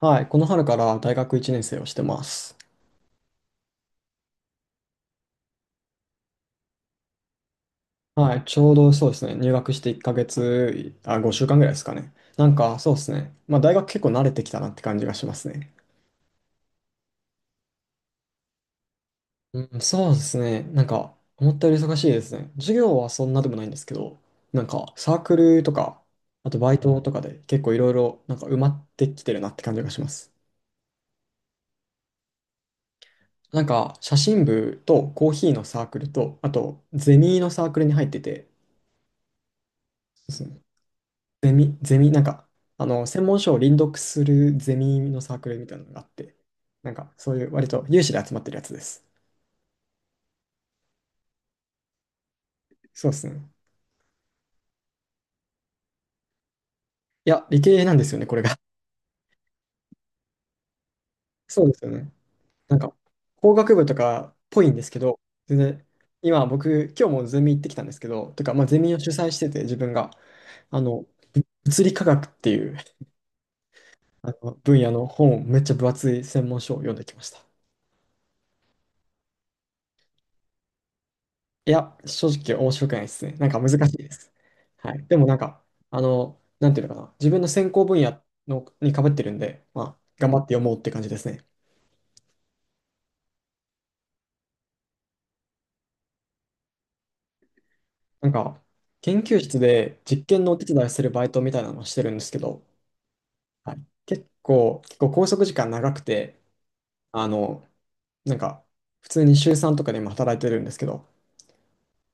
はい、この春から大学1年生をしてます。はい、ちょうどそうですね、入学して1ヶ月、あ、5週間ぐらいですかね。なんかそうですね、まあ大学結構慣れてきたなって感じがしますね。うん、そうですね、なんか思ったより忙しいですね。授業はそんなでもないんですけど、なんかサークルとか、あとバイトとかで結構いろいろなんか埋まってきてるなって感じがします。なんか写真部とコーヒーのサークルと、あとゼミのサークルに入ってて、ゼミ、なんか、専門書を輪読するゼミのサークルみたいなのがあって、なんか、そういう、割と有志で集まってるやつです。そうですね。いや、理系なんですよね、これが。そうですよね。なんか、工学部とかっぽいんですけど、全然、今日もゼミ行ってきたんですけど、とか、まあ、ゼミを主催してて、自分が、あの、物理科学っていうあの分野の本をめっちゃ分厚い専門書を読んできました。いや、正直面白くないですね。なんか難しいです。はい。でもなんか、なんていうのかな。自分の専攻分野のにかぶってるんで、まあ、頑張って読もうって感じですね。なんか、研究室で実験のお手伝いをするバイトみたいなのをしてるんですけど、はい。結構拘束時間長くて、あの、なんか、普通に週3とかで今働いてるんですけど、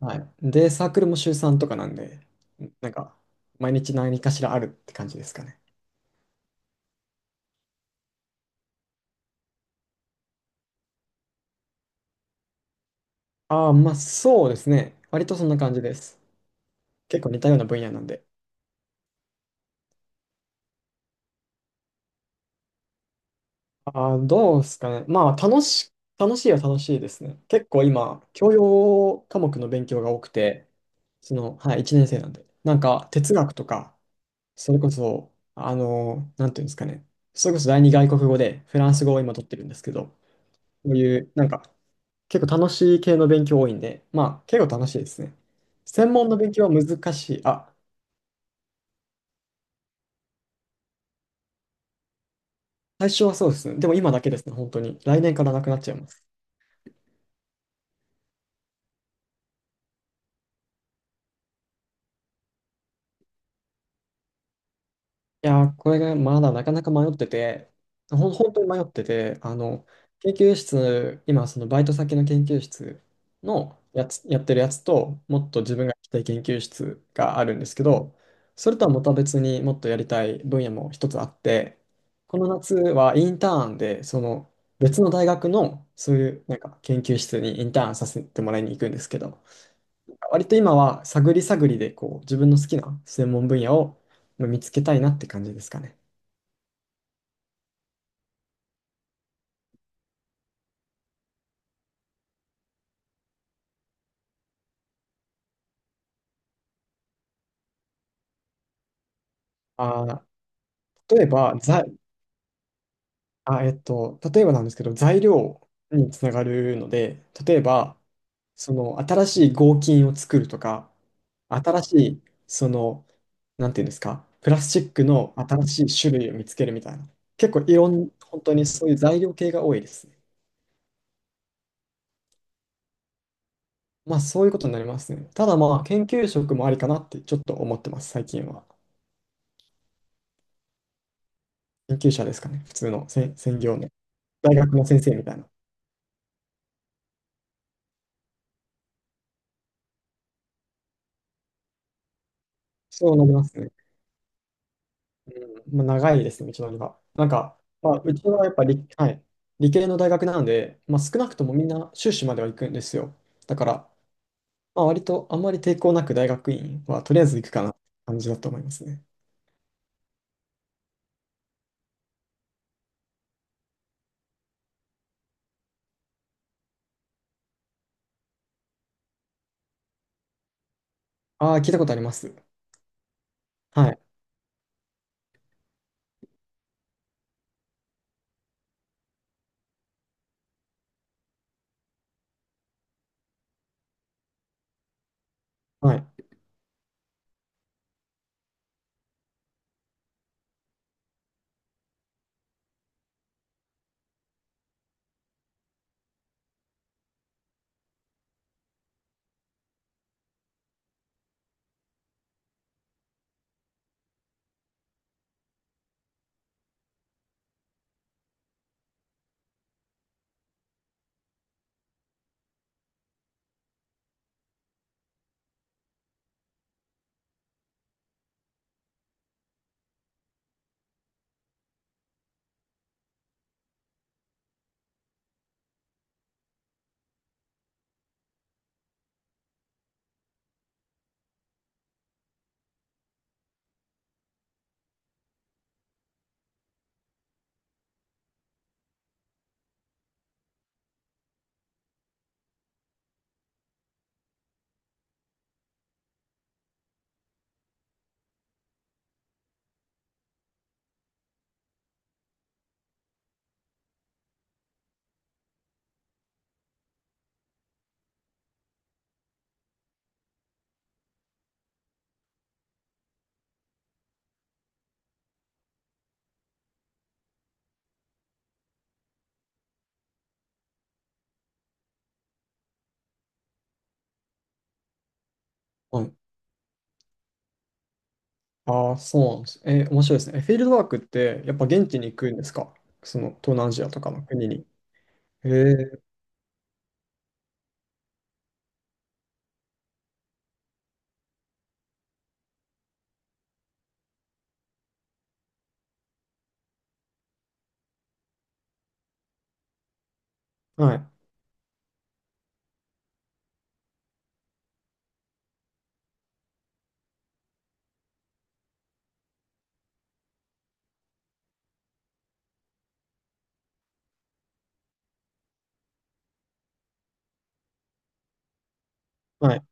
はい。で、サークルも週3とかなんで、なんか、毎日何かしらあるって感じですかね。ああ、まあそうですね。割とそんな感じです。結構似たような分野なんで。ああ、どうですかね。楽しいは楽しいですね。結構今、教養科目の勉強が多くて、はい、1年生なんで。なんか哲学とか、それこそ、なんていうんですかね。それこそ第二外国語でフランス語を今取ってるんですけど、こういう、なんか結構楽しい系の勉強多いんで、まあ結構楽しいですね。専門の勉強は難しい。あ、最初はそうですね。でも今だけですね、本当に。来年からなくなっちゃいます。いやー、これがまだなかなか迷ってて、本当に迷ってて、研究室、今、そのバイト先の研究室のやつ、やってるやつと、もっと自分が行きたい研究室があるんですけど、それとはまた別にもっとやりたい分野も一つあって、この夏はインターンで、その別の大学のそういうなんか研究室にインターンさせてもらいに行くんですけど、割と今は探り探りでこう自分の好きな専門分野をまあ見つけたいなって感じですかね。あー、例えば、ざ、あ、えっと、例えばなんですけど、材料につながるので、例えば、その新しい合金を作るとか、新しい、その、なんていうんですか、プラスチックの新しい種類を見つけるみたいな、結構いろん、本当にそういう材料系が多いですね。まあそういうことになりますね。ただまあ研究職もありかなってちょっと思ってます、最近は。研究者ですかね。普通の専、専業の。大学の先生みたいな。そうなりますね。うん。まあ、長いですね、道のりは。なんか、まあ、うちはやっぱり、はい、理系の大学なので、まあ、少なくともみんな修士までは行くんですよ。だから、まあ、割とあんまり抵抗なく大学院はとりあえず行くかなって感じだと思いますね。ああ、聞いたことあります。はい。はい。はい。ああ、そうなんです。面白いですね。フィールドワークって、やっぱ現地に行くんですか？その東南アジアとかの国に。へえ。はい。はい。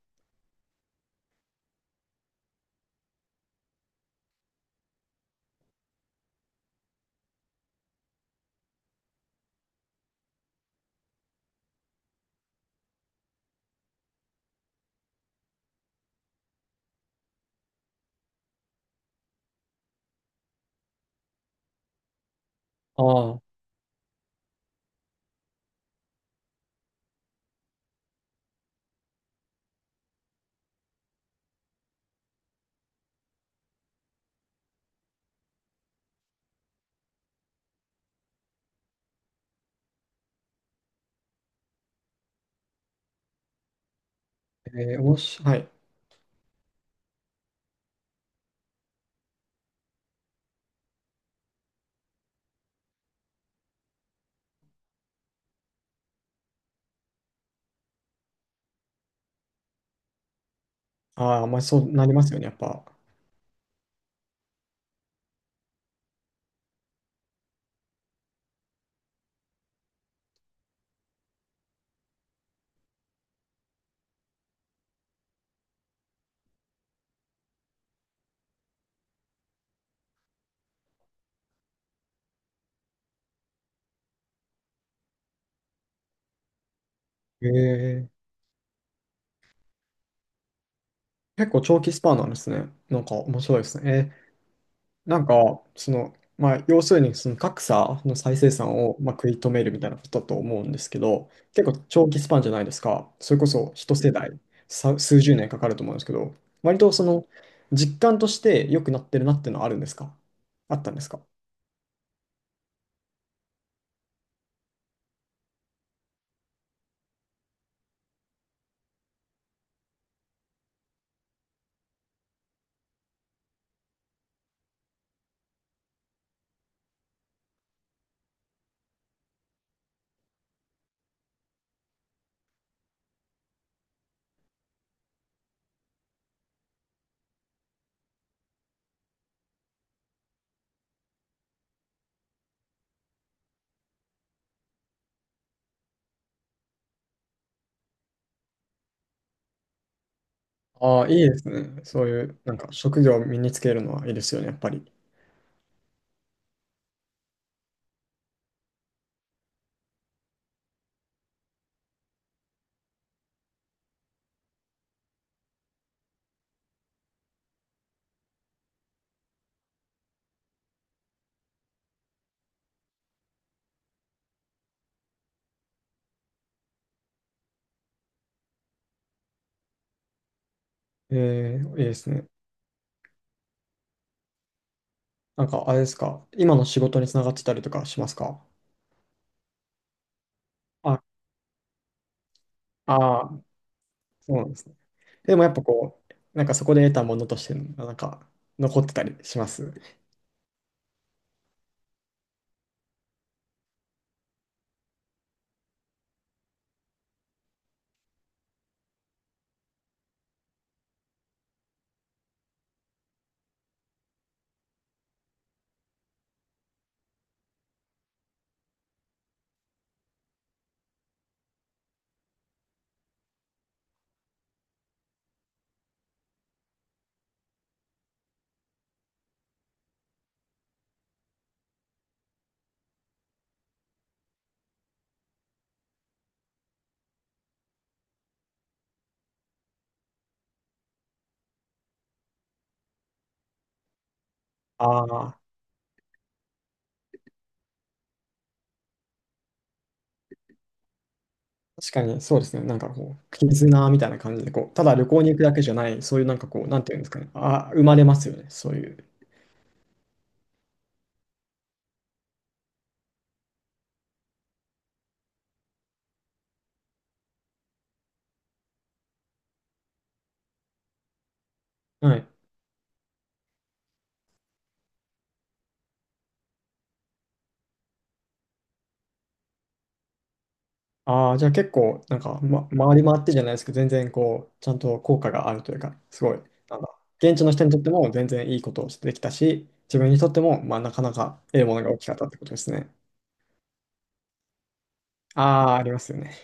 ああ。はい。ああ、まあ、そうなりますよね、やっぱ。えー、結構長期スパンなんですね。なんか面白いですね。なんか、まあ、要するに、その格差の再生産を、まあ、食い止めるみたいなことだと思うんですけど、結構長期スパンじゃないですか。それこそ一世代、数十年かかると思うんですけど、割と実感として良くなってるなっていうのはあるんですか？あったんですか？ああー、いいですね。そういう、なんか、職業を身につけるのはいいですよね、やっぱり。いいですね。なんか、あれですか。今の仕事につながってたりとかしますか？あ、ああ、そうなんですね。でもやっぱこう、なんかそこで得たものとして、なんか、残ってたりします。ああ、確かにそうですね。なんかこう、絆みたいな感じで、こう、ただ旅行に行くだけじゃない、そういうなんかこう、なんていうんですかね。あ、生まれますよね。そういう。はい。ああ、じゃあ結構、なんか、ま、回り回ってじゃないですけど、全然こう、ちゃんと効果があるというか、すごい、なんだ、現地の人にとっても全然いいことをできたし、自分にとっても、まあ、なかなか得るものが大きかったってことですね。ああ、ありますよね。